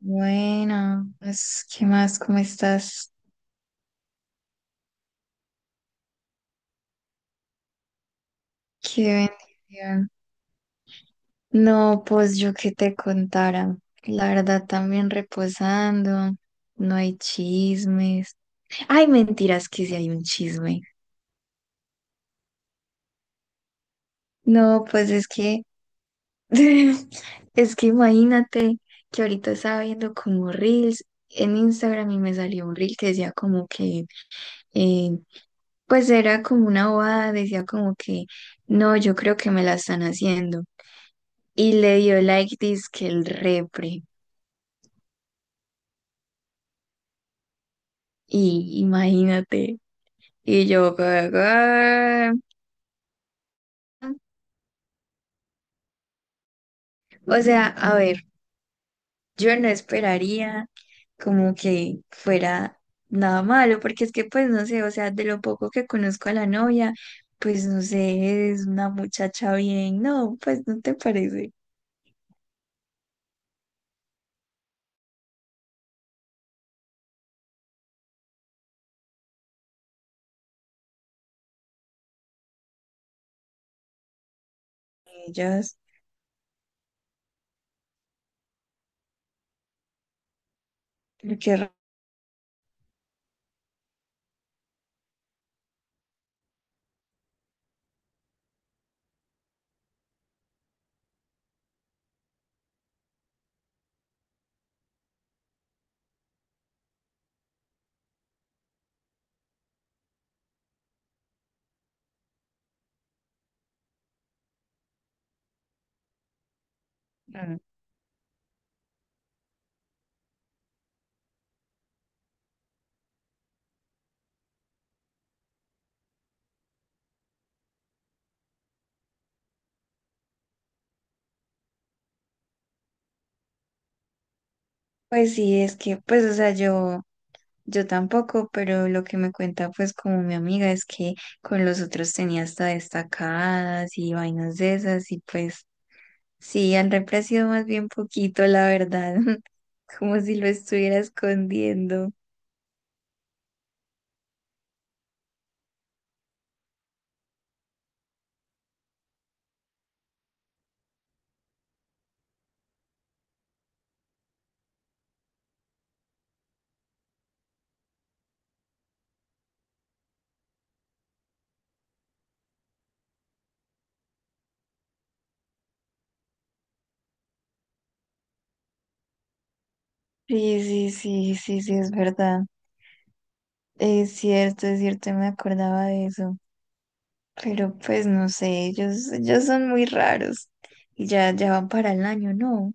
Bueno, pues, ¿qué más? ¿Cómo estás? Qué bendición. No, pues yo que te contara. La verdad, también reposando. No hay chismes. Ay, mentiras, que si hay un chisme. No, pues es que, es que imagínate que ahorita estaba viendo como reels en Instagram y me salió un reel que decía como que, eh, pues era como una bobada, decía como que, no, yo creo que me la están haciendo. Y le dio like que el repre. Y imagínate. Y yo, "Ah". O sea, a ver, yo no esperaría como que fuera nada malo, porque es que pues no sé, o sea, de lo poco que conozco a la novia, pues no sé, es una muchacha bien, no, pues no te parece. Ellas, lo que raro. Pues sí, es que, pues, o sea, yo. Yo tampoco, pero lo que me cuenta pues como mi amiga es que con los otros tenía hasta destacadas y vainas de esas y pues sí, han reemplazado más bien poquito, la verdad, como si lo estuviera escondiendo. Sí, sí, sí, sí, sí, es verdad. Es cierto, me acordaba de eso, pero pues no sé, ellos son muy raros y ya, ya van para el año, ¿no?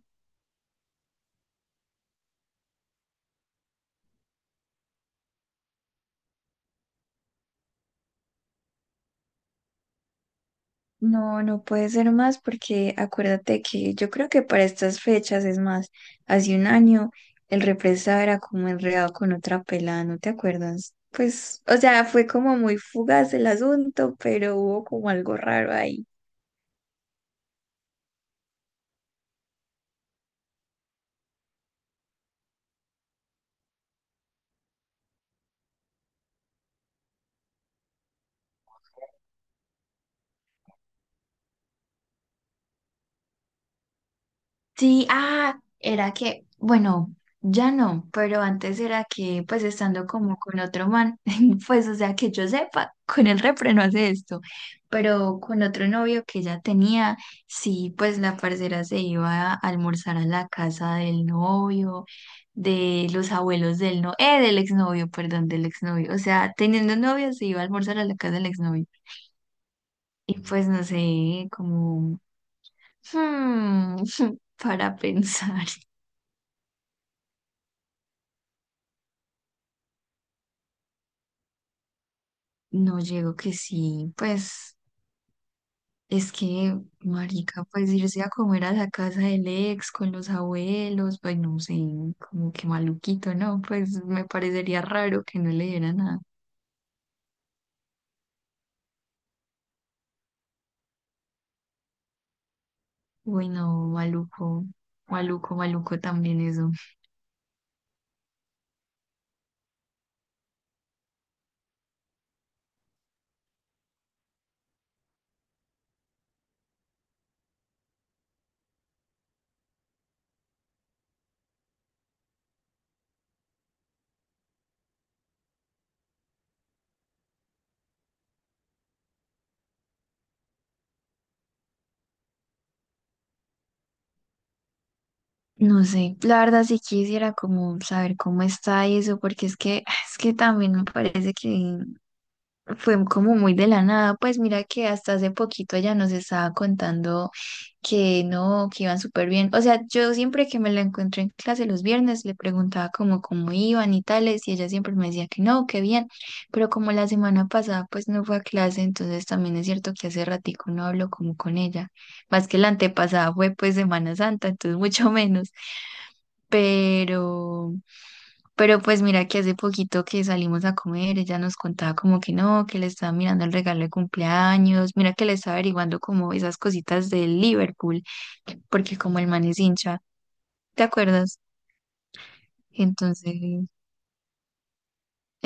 No, no puede ser más porque acuérdate que yo creo que para estas fechas, es más, hace un año el represado era como enredado con otra pelada, ¿no te acuerdas? Pues, o sea, fue como muy fugaz el asunto, pero hubo como algo raro ahí. Sí, ah, era que, bueno, ya no, pero antes era que, pues estando como con otro man, pues o sea, que yo sepa, con el repre no hace esto, pero con otro novio que ella tenía, sí, pues la parcera se iba a almorzar a la casa del novio, de los abuelos del no, del exnovio, perdón, del exnovio, o sea, teniendo novio se iba a almorzar a la casa del exnovio, y pues no sé, como, hmm, para pensar. No, llego que sí, pues es que, marica, pues irse a comer a la casa del ex con los abuelos, pues no sé, como que maluquito, ¿no? Pues me parecería raro que no le diera nada. Bueno, maluco, maluco, maluco también eso. No sé, la verdad sí quisiera como saber cómo está eso, porque es que, es que también me parece que fue como muy de la nada, pues mira que hasta hace poquito ella nos estaba contando que no, que iban súper bien. O sea, yo siempre que me la encuentro en clase los viernes le preguntaba como cómo iban y tales, y ella siempre me decía que no, que bien, pero como la semana pasada pues no fue a clase, entonces también es cierto que hace ratico no hablo como con ella, más que la antepasada fue pues Semana Santa, entonces mucho menos, pero... Pero pues mira que hace poquito que salimos a comer, ella nos contaba como que no, que le estaba mirando el regalo de cumpleaños, mira que le estaba averiguando como esas cositas de Liverpool, porque como el man es hincha, ¿te acuerdas? Entonces,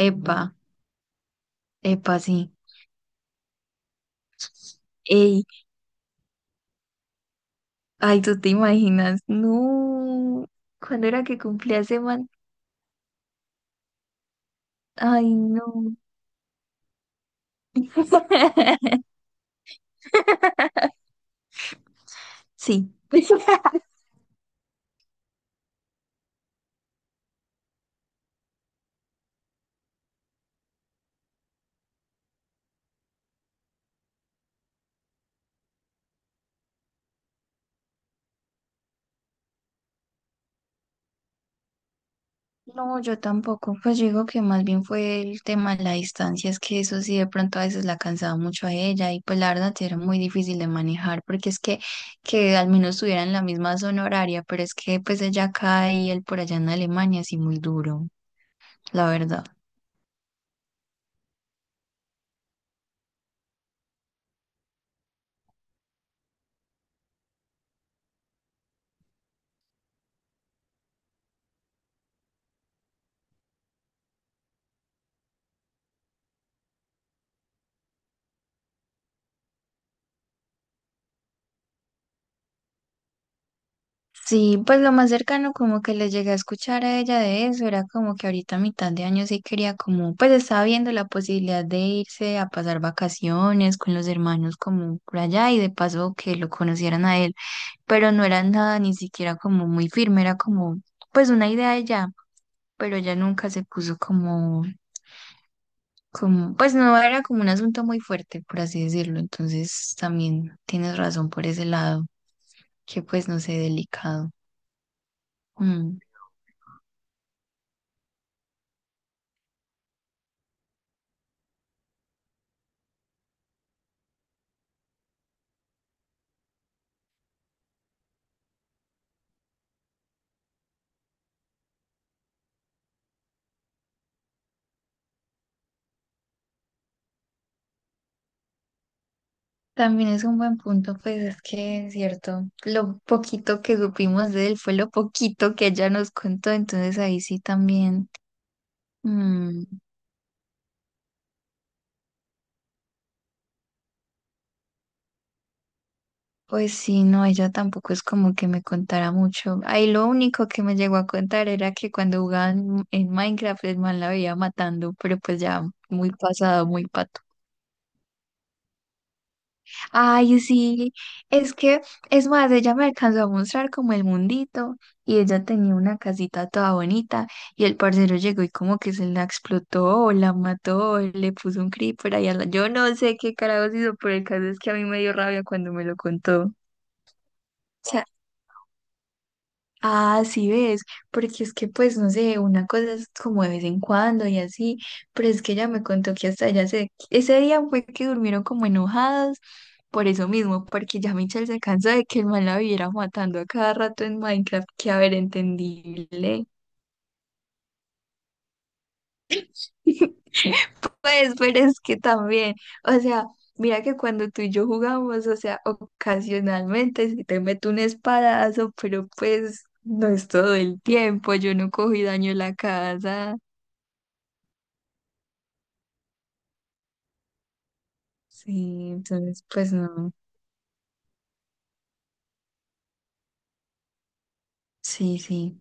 epa, epa, sí. Ey, ay, tú te imaginas, no, ¿cuándo era que cumplía ese man? Ay, no. Sí. No, yo tampoco. Pues yo digo que más bien fue el tema de la distancia, es que eso sí de pronto a veces la cansaba mucho a ella y pues la verdad sí era muy difícil de manejar porque es que al menos estuviera en la misma zona horaria, pero es que pues ella acá y él por allá en Alemania, así muy duro, la verdad. Sí, pues lo más cercano como que le llegué a escuchar a ella de eso era como que ahorita a mitad de año sí quería como, pues estaba viendo la posibilidad de irse a pasar vacaciones con los hermanos como por allá y de paso que lo conocieran a él, pero no era nada ni siquiera como muy firme, era como pues una idea de ella, pero ella nunca se puso como, como, pues no era como un asunto muy fuerte, por así decirlo, entonces también tienes razón por ese lado, que pues no sé, delicado. Mm. También es un buen punto, pues es que es cierto, lo poquito que supimos de él fue lo poquito que ella nos contó, entonces ahí sí también. Mm. Pues sí, no, ella tampoco es como que me contara mucho. Ahí lo único que me llegó a contar era que cuando jugaban en Minecraft el man la veía matando, pero pues ya muy pasado, muy pato. Ay, sí, es que, es más, ella me alcanzó a mostrar como el mundito y ella tenía una casita toda bonita y el parcero llegó y como que se la explotó, o la mató, o le puso un creeper ahí a la... Yo no sé qué carajos hizo, pero el caso es que a mí me dio rabia cuando me lo contó. Ah, sí ves, porque es que pues no sé, una cosa es como de vez en cuando y así, pero es que ella me contó que hasta allá se, ese día fue que durmieron como enojados por eso mismo, porque ya Michelle se cansó de que el man la viviera matando a cada rato en Minecraft, que a ver, entendible. Pues, pero es que también, o sea, mira que cuando tú y yo jugamos, o sea, ocasionalmente si te meto un espadazo, pero pues no es todo el tiempo, yo no cogí daño en la casa. Sí, entonces pues no. Sí, sí,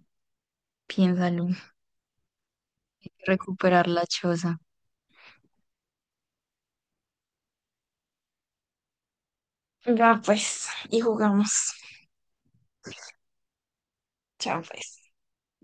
piénsalo. Hay que recuperar la choza.